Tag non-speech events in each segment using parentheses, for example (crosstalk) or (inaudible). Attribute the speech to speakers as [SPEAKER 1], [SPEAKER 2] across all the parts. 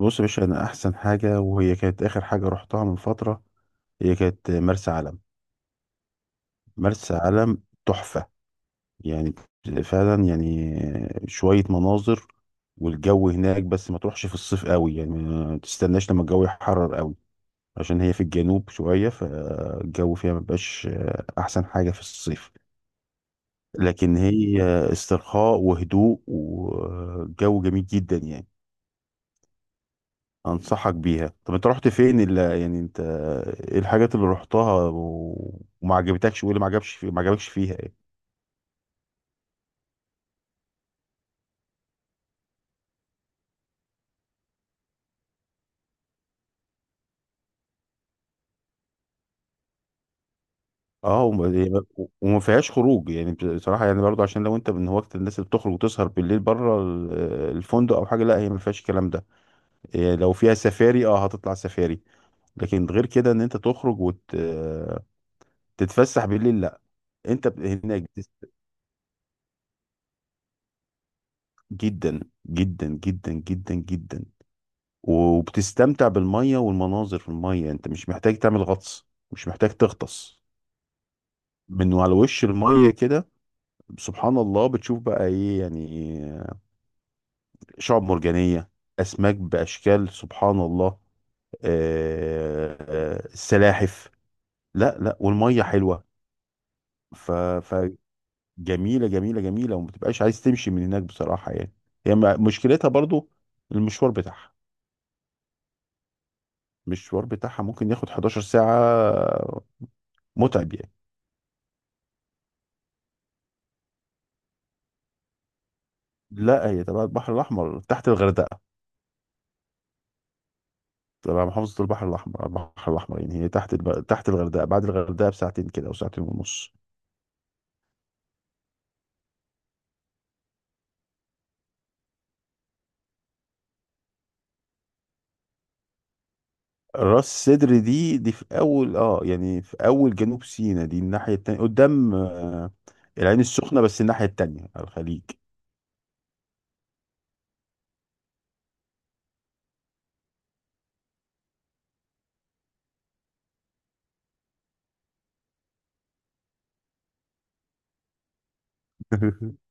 [SPEAKER 1] بص يا باشا، انا احسن حاجه وهي كانت اخر حاجه رحتها من فتره. هي كانت مرسى علم. مرسى علم تحفه. يعني فعلا يعني شويه مناظر والجو هناك. بس ما تروحش في الصيف قوي، يعني ما تستناش لما الجو يحرر قوي، عشان هي في الجنوب شويه، فالجو فيها ما بيبقاش احسن حاجه في الصيف. لكن هي استرخاء وهدوء وجو جميل جدا يعني. انصحك بيها. طب انت رحت فين اللي يعني انت ايه الحاجات اللي رحتها و- وما عجبتكش، وايه اللي ما عجبش في... ما عجبكش فيها ايه؟ اه وما فيهاش خروج يعني، بصراحه يعني، برضو عشان لو انت من هواة الناس اللي بتخرج وتسهر بالليل بره ال- الفندق او حاجه، لا هي ما فيهاش الكلام ده. إيه، لو فيها سفاري، اه هتطلع سفاري، لكن غير كده ان انت تخرج وتتفسح بالليل لا. هناك جدا، جدا جدا جدا جدا، وبتستمتع بالمية والمناظر في المية. انت مش محتاج تعمل غطس، مش محتاج تغطس، من على وش المية كده. سبحان الله، بتشوف بقى ايه يعني؟ شعب مرجانية، اسماك باشكال، سبحان الله، آه، آه، السلاحف. لا لا والمية حلوة. ف فجميلة، جميلة جميلة، وما بتبقاش عايز تمشي من هناك بصراحة يعني. مشكلتها برضو المشوار بتاعها المشوار بتاعها ممكن ياخد 11 ساعة، متعب يعني. لا هي تبع البحر الأحمر تحت الغردقة، تبع محافظة البحر الأحمر. البحر الأحمر يعني هي تحت الغردقة، بعد الغردقة بساعتين كده أو ساعتين ونص. راس سدر دي في أول، يعني في أول جنوب سيناء. دي الناحية التانية قدام، آه، العين السخنة، بس الناحية التانية على الخليج. (laughs)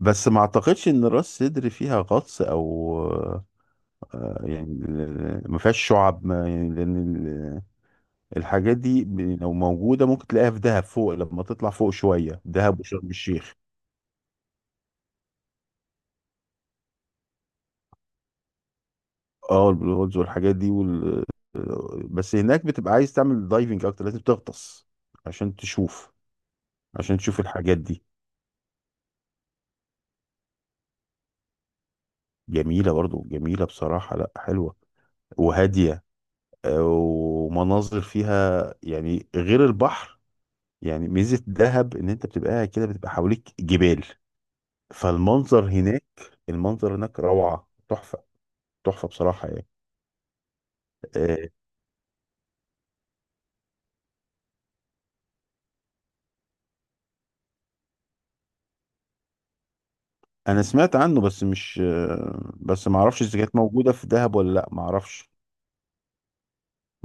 [SPEAKER 1] بس ما أعتقدش إن راس سدر فيها غطس أو، آه، يعني ما فيهاش شعب ما، يعني لأن الحاجات دي، لو موجودة ممكن تلاقيها في دهب، فوق لما تطلع فوق شوية، دهب وشرم الشيخ. اه البلو هولز والحاجات دي بس هناك بتبقى عايز تعمل دايفنج اكتر، لازم تغطس عشان تشوف عشان تشوف الحاجات دي. جميلة برضو، جميلة بصراحة، لا حلوة وهادية، آه، ومناظر فيها يعني غير البحر. يعني ميزة دهب ان انت بتبقى قاعد كده، بتبقى حواليك جبال، فالمنظر هناك، المنظر هناك روعة، تحفة، تحفة بصراحة يعني. آه، انا سمعت عنه بس مش، بس ما اعرفش اذا كانت موجوده في دهب ولا لا، ما اعرفش.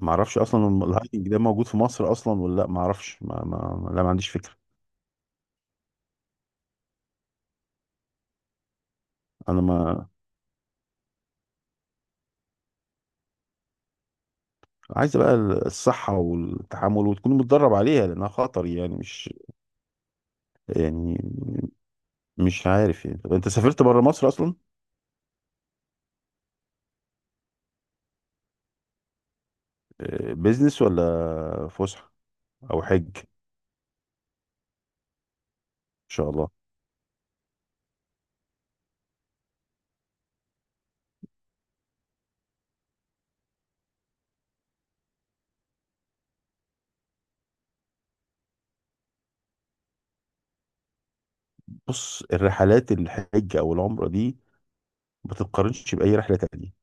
[SPEAKER 1] ما اعرفش اصلا الهايكنج ده موجود في مصر اصلا ولا لا، ما اعرفش. ما لا ما عنديش فكره. انا ما عايز بقى الصحه والتحمل وتكون متدرب عليها، لانها خطر يعني، يعني مش عارف يعني. طب انت سافرت بره مصر اصلا؟ آه، بيزنس ولا فسحه او حج ان شاء الله؟ بص، الرحلات الحج او العمره دي ما تتقارنش باي رحله تانية،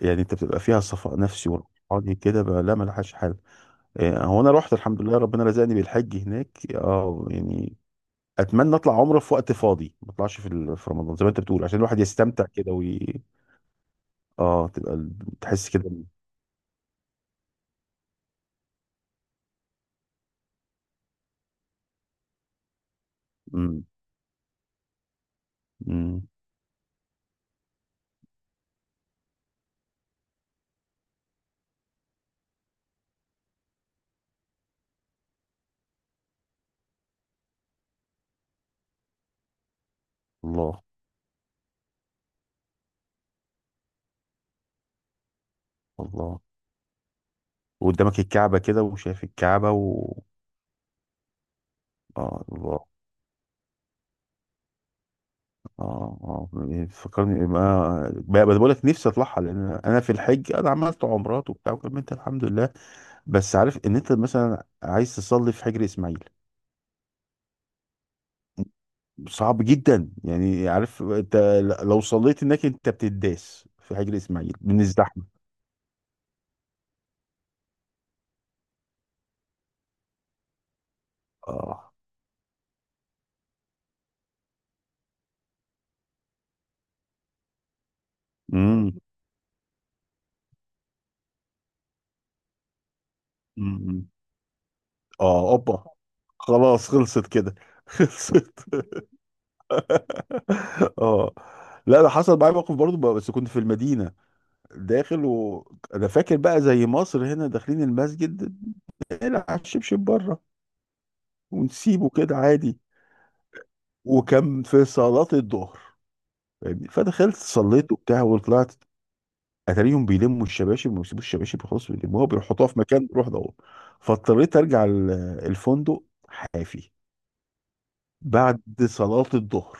[SPEAKER 1] يعني انت بتبقى فيها صفاء نفسي وروحاني كده بقى، لا ملهاش حل. آه، هو انا رحت الحمد لله، ربنا رزقني بالحج هناك، اه يعني. اتمنى اطلع عمره في وقت فاضي، ما اطلعش في رمضان زي ما انت بتقول، عشان الواحد يستمتع كده اه تبقى تحس كده. امم امم. الله، الله. وقدامك الكعبة كده، وشايف الكعبة و اه الله. اه اه، يعني فكرني ما بقى، بقول لك نفسي اطلعها، لان انا في الحج انا عملت عمرات وبتاع وكملت الحمد لله. بس عارف ان انت مثلا عايز تصلي في حجر اسماعيل، صعب جدا يعني، عارف انت لو صليت هناك انت بتداس في حجر اسماعيل من الزحمه. اه امم. أمم. اه اوبا، خلاص خلصت كده (laughs) خلصت (laughs) اه لا، ده حصل معايا موقف برضه بس كنت في المدينه، داخل وانا فاكر بقى زي مصر هنا، داخلين المسجد نلعب شبشب بره ونسيبه كده عادي. وكان في صلاه الظهر، فاهمني، فدخلت صليت وبتاع وطلعت، اتاريهم بيلموا الشباشب، وما بيسيبوش الشباشب خلاص، بيلموها بيحطوها في مكان بيروح دوت. فاضطريت ارجع الفندق حافي بعد صلاة الظهر.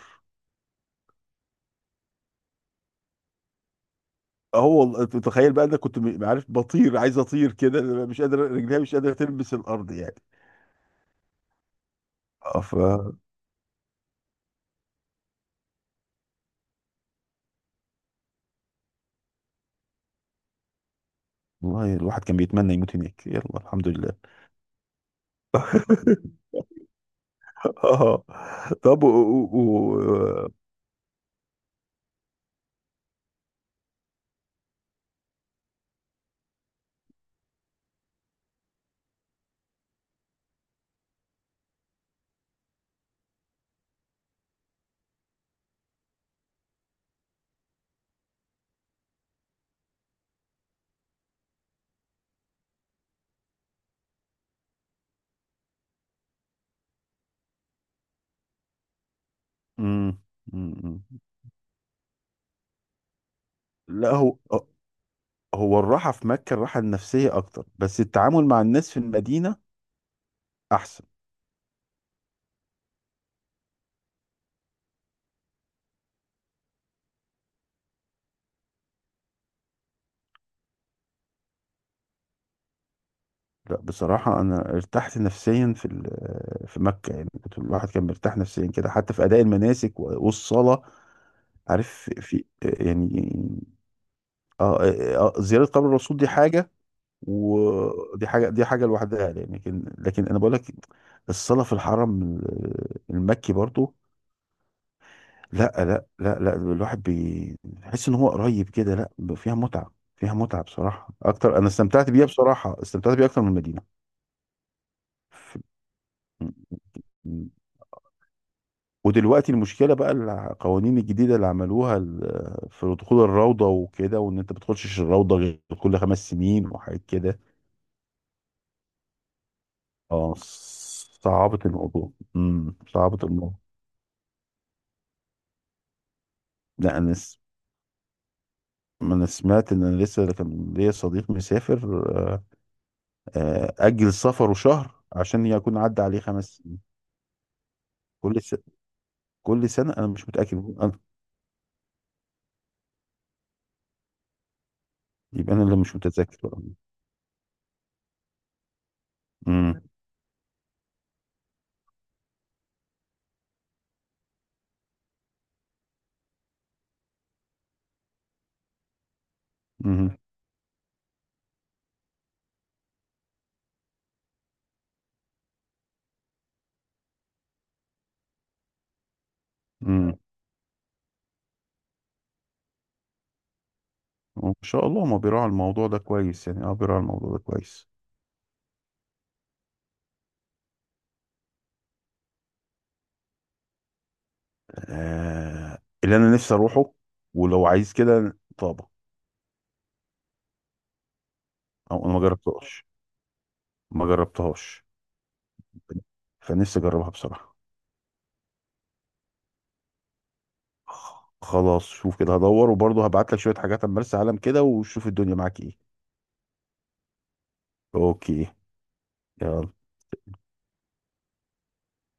[SPEAKER 1] اه والله، انت تخيل بقى، انا كنت عارف بطير، عايز اطير كده، مش قادر، رجليها مش قادرة تلمس الارض يعني. اه ف والله، الواحد كان بيتمنى يموت هناك، يلا الحمد لله. (laughs) اه. طب و... مم. مم. مم. لا هو آه. هو الراحة في مكة، الراحة النفسية أكتر، بس التعامل مع الناس في المدينة أحسن. لا بصراحة، أنا ارتحت نفسيا في مكة، يعني كنت الواحد كان مرتاح نفسيا كده، حتى في أداء المناسك والصلاة، عارف، في يعني آه آه، آه، زيارة قبر الرسول دي حاجة، ودي حاجة، دي حاجة لوحدها يعني. لكن أنا بقول لك، الصلاة في الحرم المكي برضو، لا لا لا لا، الواحد بيحس ان هو قريب كده، لا ب- فيها متعة بصراحة اكتر، انا استمتعت بيها، بصراحة استمتعت بيها اكتر من المدينة. ف- م- م- ودلوقتي المشكلة بقى، القوانين الجديدة اللي عملوها في دخول الروضة وكده، وان انت بتخشش الروضة غير كل خمس سنين وحاجات كده. اه صعبت الموضوع، صعبت الموضوع. لا انا سمعت ان، انا لسه كان ليا صديق مسافر، آه، اجل سفره شهر عشان يكون عدى عليه خمس. كل س... كل سنة أنا مش متأكد أنا. يبقى أنا اللي مش متذكر بقى. امم امم امم. وإن شاء الله ما بيراعي الموضوع ده كويس يعني، أه بيراعي الموضوع ده كويس. اللي أنا نفسي أروحه، ولو عايز كده، طابة. أو أنا ما جربتهاش، فنفسي أجربها بصراحة. خلاص، شوف كده، هدور وبرضه هبعت لك شوية حاجات عن مرسى علم كده، وشوف الدنيا معاك إيه. أوكي. يلا.